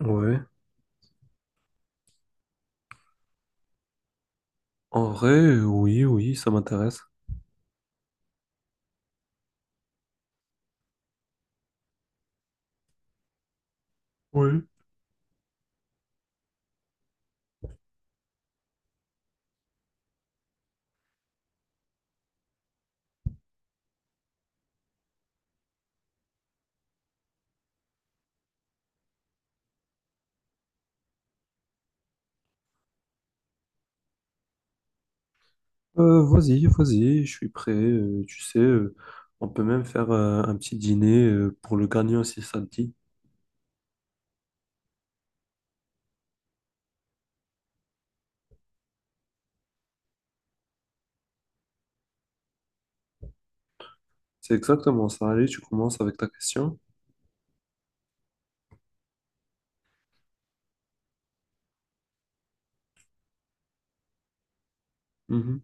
Ouais. En vrai, oui, oui, ça m'intéresse. Oui. Vas-y, je suis prêt. Tu sais, on peut même faire un petit dîner pour le gagnant si ça te dit. C'est exactement ça. Allez, tu commences avec ta question. Mhm,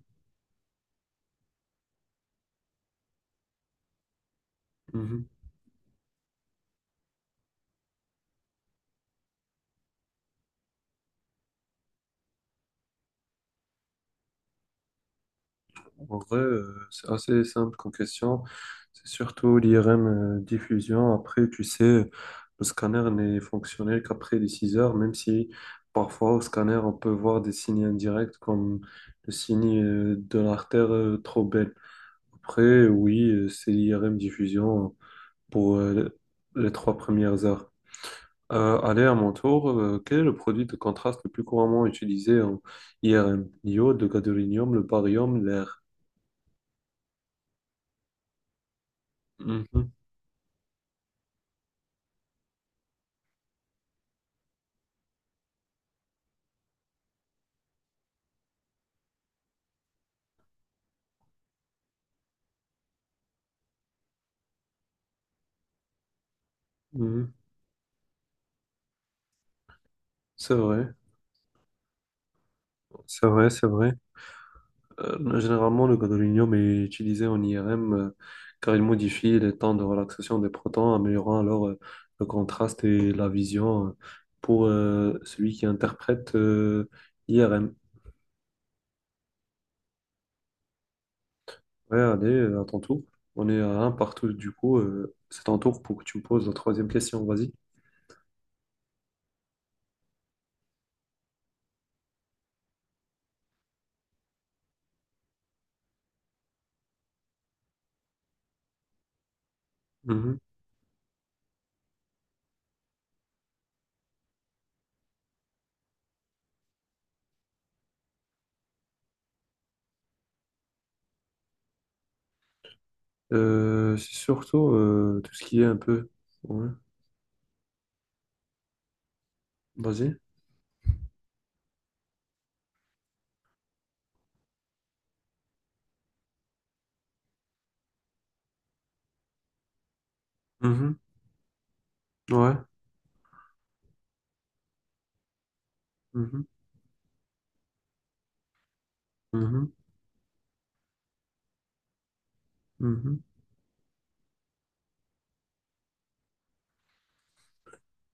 mhm. En vrai, c'est assez simple comme question. C'est surtout l'IRM diffusion. Après, tu sais, le scanner n'est fonctionnel qu'après les 6 heures, même si parfois au scanner, on peut voir des signes indirects comme le signe de l'artère trop belle. Après, oui, c'est l'IRM diffusion pour les 3 premières heures. Allez, à mon tour, quel est le produit de contraste le plus couramment utilisé en IRM? L'iode, le gadolinium, le barium, l'air. Mhm. Mhm. C'est vrai, c'est vrai, c'est vrai. Généralement, le gadolinium est utilisé en IRM, car il modifie les temps de relaxation des protons, améliorant alors le contraste et la vision, pour celui qui interprète IRM. Ouais, allez, à ton tour. On est à un partout, du coup, c'est ton tour pour que tu me poses la troisième question, vas-y. Mhm. C'est surtout tout ce qui est un peu... Ouais, vas-y. Mhm. Ouais. Mhm. Mhm, mhm.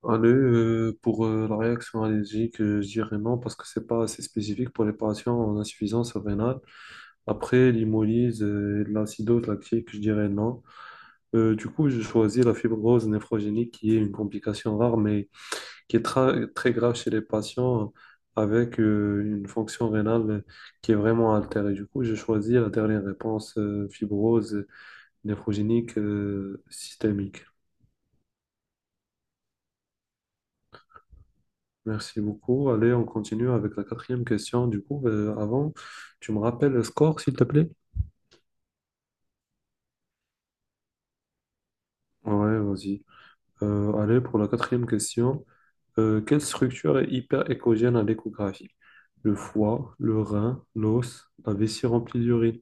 Allez, pour la réaction allergique, je dirais non parce que c'est pas assez spécifique pour les patients en insuffisance rénale. Après, l'hémolyse et de l'acidose lactique, je dirais non. Du coup, je choisis la fibrose néphrogénique qui est une complication rare mais qui est très grave chez les patients avec une fonction rénale qui est vraiment altérée. Du coup, je choisis la dernière réponse, fibrose néphrogénique systémique. Merci beaucoup. Allez, on continue avec la quatrième question. Du coup, avant, tu me rappelles le score, s'il te plaît? Ouais, vas-y. Allez, pour la quatrième question. Quelle structure est hyper écogène à l'échographie? Le foie, le rein, l'os, la vessie remplie d'urine.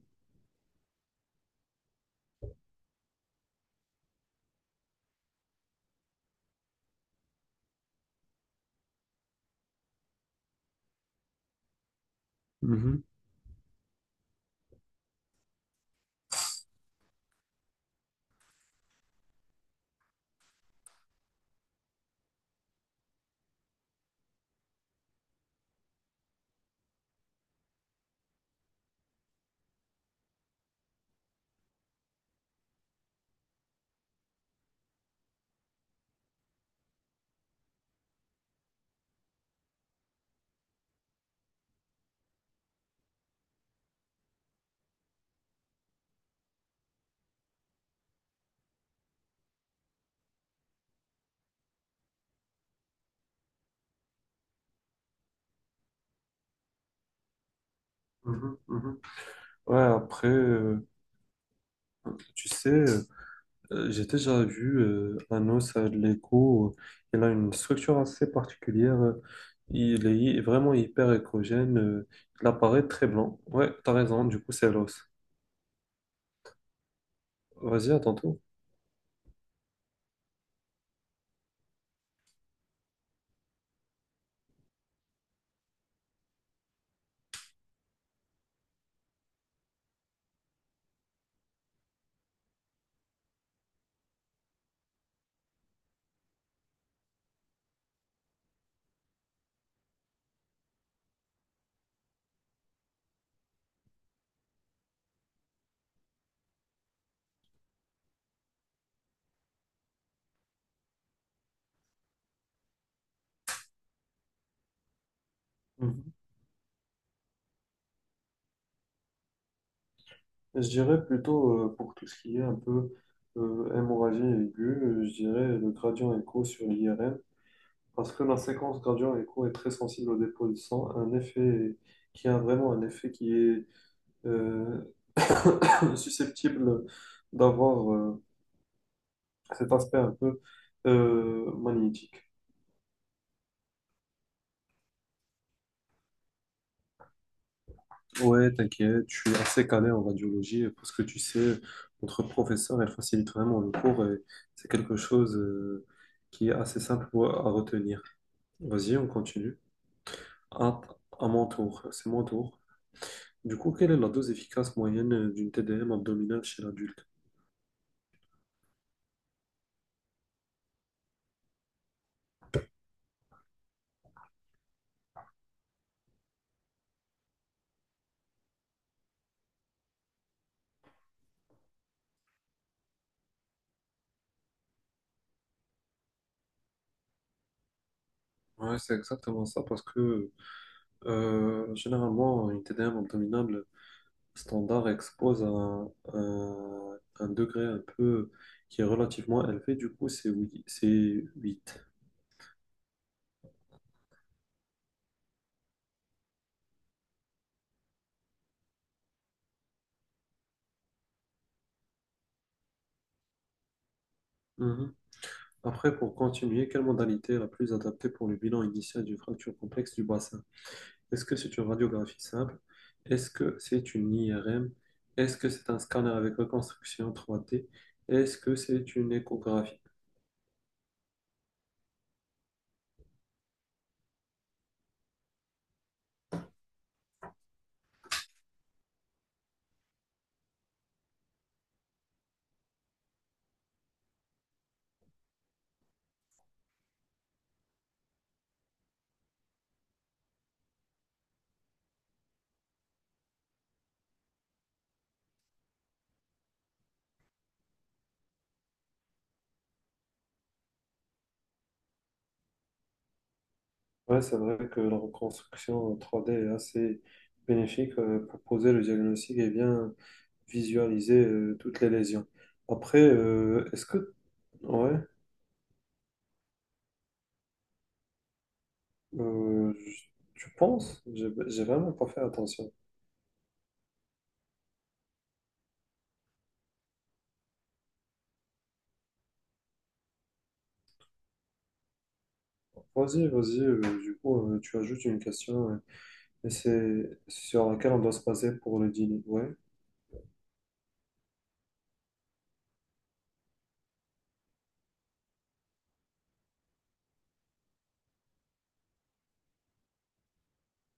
Mhm, mhm, mhm. Ouais, après, tu sais. J'ai déjà vu un os à l'écho. Il a une structure assez particulière. Il est vraiment hyper échogène. Il apparaît très blanc. Ouais, t'as raison. Du coup, c'est l'os. Vas-y, à tantôt. Mhm. Je dirais plutôt, pour tout ce qui est un peu hémorragie aiguë, je dirais le gradient écho sur l'IRM parce que la séquence gradient écho est très sensible au dépôt de sang, un effet qui a vraiment un effet qui est euh, susceptible d'avoir cet aspect un peu magnétique. Ouais, t'inquiète, je suis assez calé en radiologie parce que tu sais, notre professeur, elle facilite vraiment le cours et c'est quelque chose qui est assez simple à retenir. Vas-y, on continue. À, à mon tour, c'est mon tour. Du coup, quelle est la dose efficace moyenne d'une TDM abdominale chez l'adulte? Ouais, c'est exactement ça parce que généralement, une TDM abdominale standard expose un degré un peu qui est relativement élevé, du coup c'est 8. C'est huit. Mhm. Après, pour continuer, quelle modalité est la plus adaptée pour le bilan initial d'une fracture complexe du bassin? Est-ce que c'est une radiographie simple? Est-ce que c'est une IRM? Est-ce que c'est un scanner avec reconstruction 3D? Est-ce que c'est une échographie? Ouais, c'est vrai que la reconstruction 3D est assez bénéfique, pour poser le diagnostic et bien visualiser toutes les lésions. Après, est-ce que... Ouais, euh, je- tu penses? J'ai vraiment pas fait attention. Vas-y, vas-y, du coup, tu ajoutes une question et c'est sur laquelle on doit se baser pour le dîner. Ouais,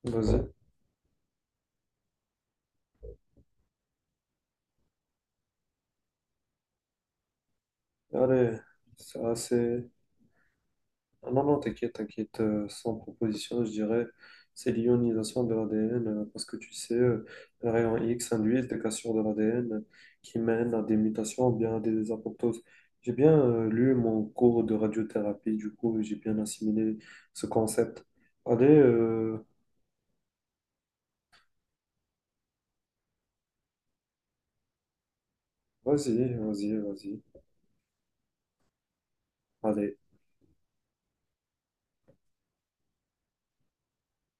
vas-y. Allez, ça c'est... Ah non, non, t'inquiète, t'inquiète, sans proposition, je dirais, c'est l'ionisation de l'ADN, parce que tu sais, les rayons X induisent des cassures de l'ADN qui mènent à des mutations ou bien à des apoptoses. J'ai bien lu mon cours de radiothérapie, du coup, j'ai bien assimilé ce concept. Allez, vas-y, vas-y, vas-y, allez.